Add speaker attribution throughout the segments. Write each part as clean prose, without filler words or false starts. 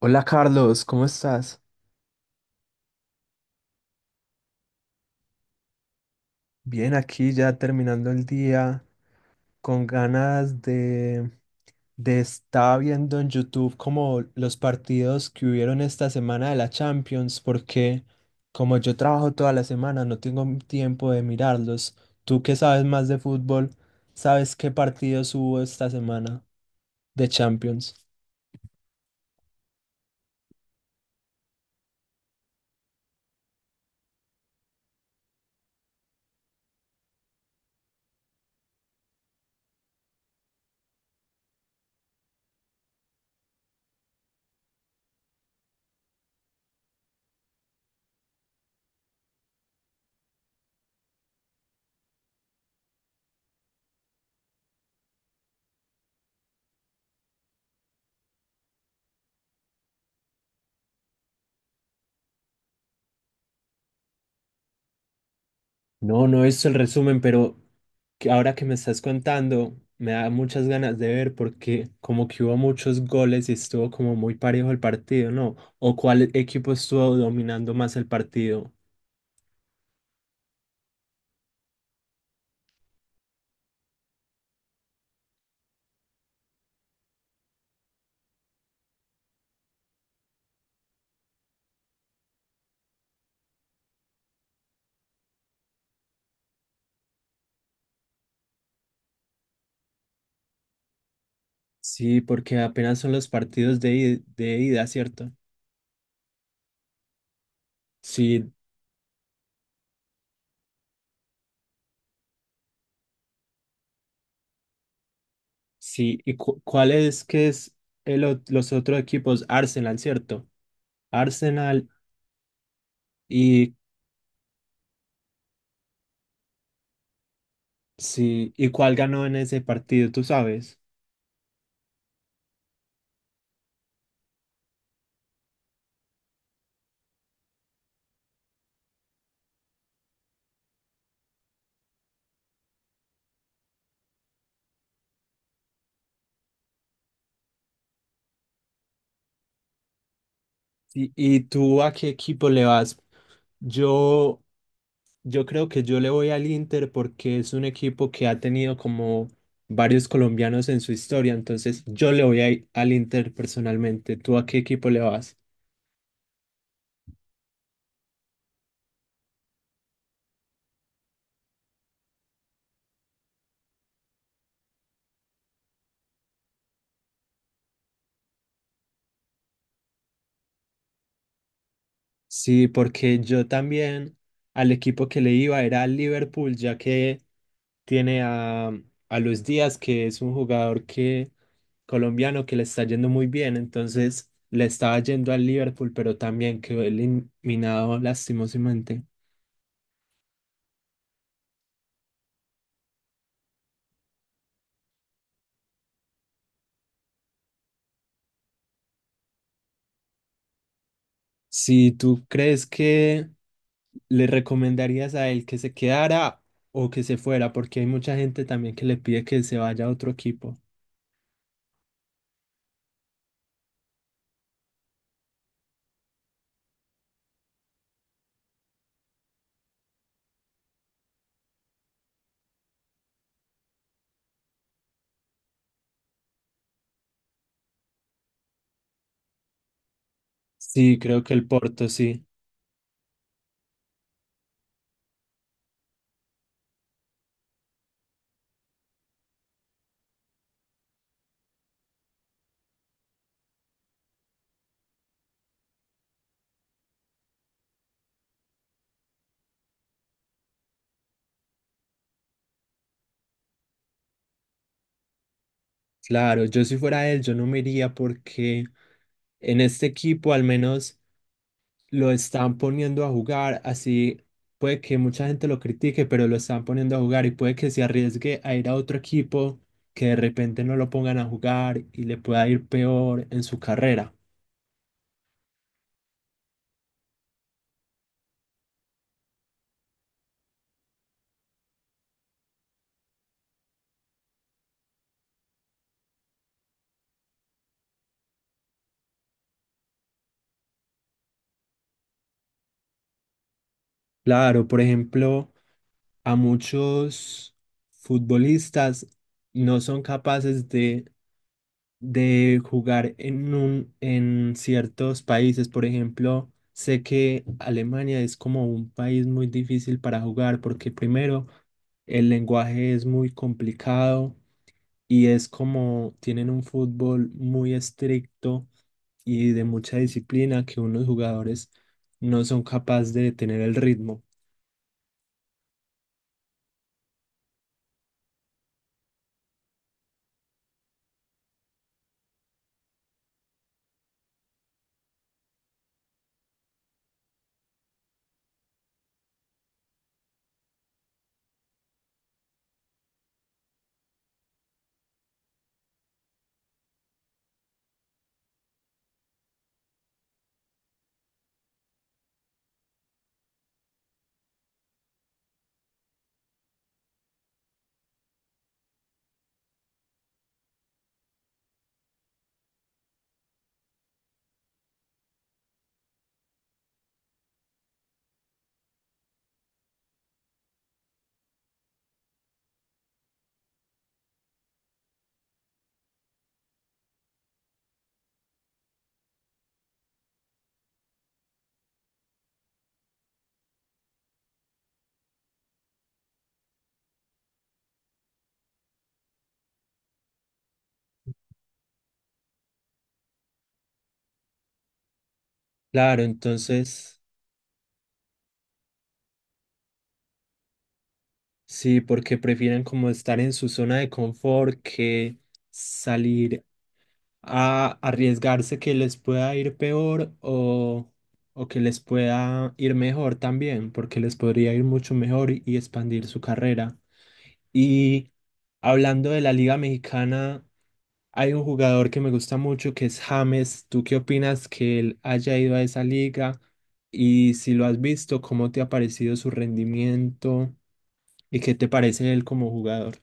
Speaker 1: Hola Carlos, ¿cómo estás? Bien, aquí ya terminando el día, con ganas de estar viendo en YouTube como los partidos que hubieron esta semana de la Champions, porque como yo trabajo toda la semana, no tengo tiempo de mirarlos. Tú que sabes más de fútbol, ¿sabes qué partidos hubo esta semana? De Champions. No, no he visto el resumen, pero que ahora que me estás contando, me da muchas ganas de ver porque como que hubo muchos goles y estuvo como muy parejo el partido, ¿no? ¿O cuál equipo estuvo dominando más el partido? Sí, porque apenas son los partidos de, de ida, ¿cierto? Sí. Sí, ¿y cuál es que es el, los otros equipos? Arsenal, ¿cierto? Arsenal y sí, ¿y cuál ganó en ese partido, tú sabes? Y tú a qué equipo le vas? Yo yo creo que yo le voy al Inter porque es un equipo que ha tenido como varios colombianos en su historia, entonces yo le voy al Inter personalmente. ¿Tú a qué equipo le vas? Sí, porque yo también al equipo que le iba era al Liverpool, ya que tiene a Luis Díaz, que es un jugador que colombiano que le está yendo muy bien, entonces le estaba yendo al Liverpool, pero también quedó eliminado lastimosamente. Si tú crees que le recomendarías a él que se quedara o que se fuera, porque hay mucha gente también que le pide que se vaya a otro equipo. Sí, creo que el Porto, sí. Claro, yo si fuera él, yo no me iría porque en este equipo al menos lo están poniendo a jugar, así puede que mucha gente lo critique, pero lo están poniendo a jugar y puede que se arriesgue a ir a otro equipo que de repente no lo pongan a jugar y le pueda ir peor en su carrera. Claro, por ejemplo, a muchos futbolistas no son capaces de jugar en un, en ciertos países. Por ejemplo, sé que Alemania es como un país muy difícil para jugar porque primero el lenguaje es muy complicado y es como tienen un fútbol muy estricto y de mucha disciplina que unos jugadores no son capaces de tener el ritmo. Claro, entonces... Sí, porque prefieren como estar en su zona de confort que salir a arriesgarse que les pueda ir peor o que les pueda ir mejor también, porque les podría ir mucho mejor y expandir su carrera. Y hablando de la Liga Mexicana, hay un jugador que me gusta mucho que es James. ¿Tú qué opinas que él haya ido a esa liga? Y si lo has visto, ¿cómo te ha parecido su rendimiento? ¿Y qué te parece él como jugador?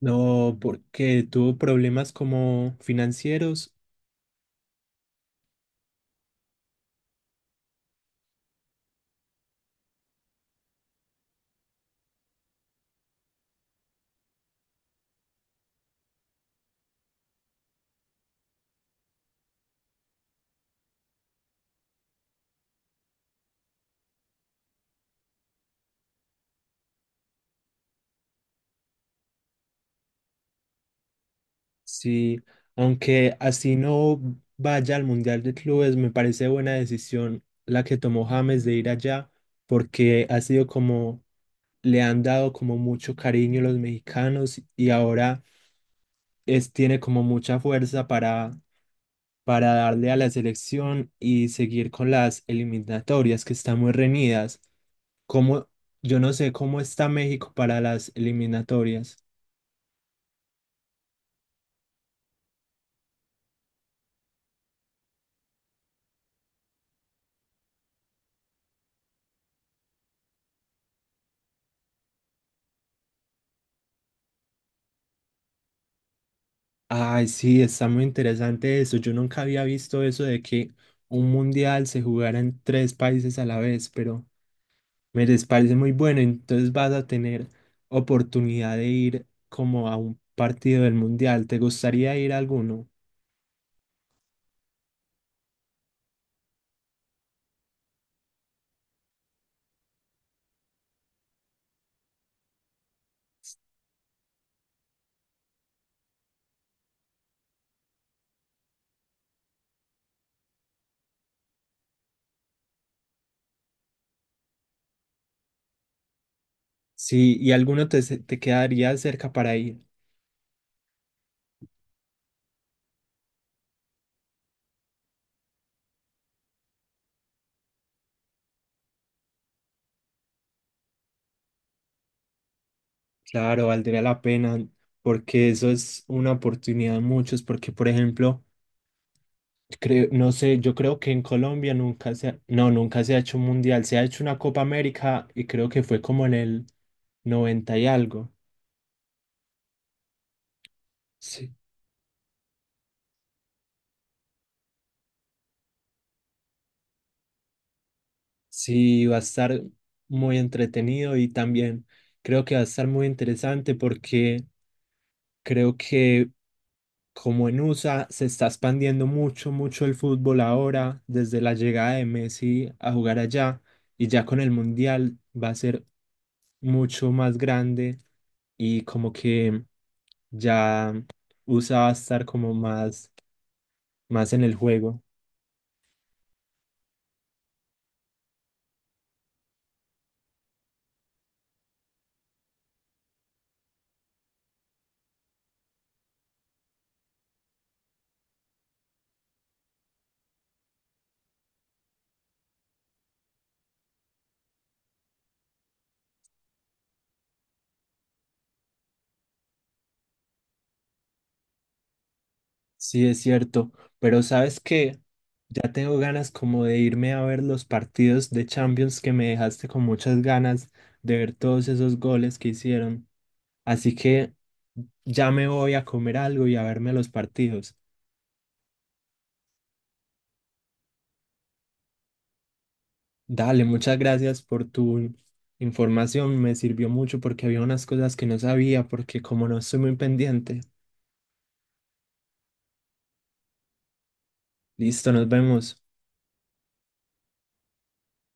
Speaker 1: No, porque tuvo problemas como financieros. Sí, aunque así no vaya al Mundial de Clubes, me parece buena decisión la que tomó James de ir allá, porque ha sido como, le han dado como mucho cariño los mexicanos y ahora es, tiene como mucha fuerza para darle a la selección y seguir con las eliminatorias que están muy reñidas. Como, yo no sé cómo está México para las eliminatorias. Ay, sí, está muy interesante eso. Yo nunca había visto eso de que un mundial se jugara en tres países a la vez, pero me les parece muy bueno. Entonces vas a tener oportunidad de ir como a un partido del mundial. ¿Te gustaría ir a alguno? Sí, y alguno te, te quedaría cerca para ir. Claro, valdría la pena porque eso es una oportunidad de muchos, porque por ejemplo... Creo, no sé, yo creo que en Colombia nunca se ha, no, nunca se ha hecho un mundial, se ha hecho una Copa América y creo que fue como en el noventa y algo. Sí, sí, va a estar muy entretenido y también creo que va a estar muy interesante porque creo que como en USA se está expandiendo mucho, mucho el fútbol ahora, desde la llegada de Messi a jugar allá y ya con el mundial va a ser mucho más grande y como que ya usaba estar como más, más en el juego. Sí, es cierto, pero sabes que ya tengo ganas como de irme a ver los partidos de Champions que me dejaste con muchas ganas de ver todos esos goles que hicieron. Así que ya me voy a comer algo y a verme los partidos. Dale, muchas gracias por tu información, me sirvió mucho porque había unas cosas que no sabía porque como no estoy muy pendiente. Listo, nos vemos.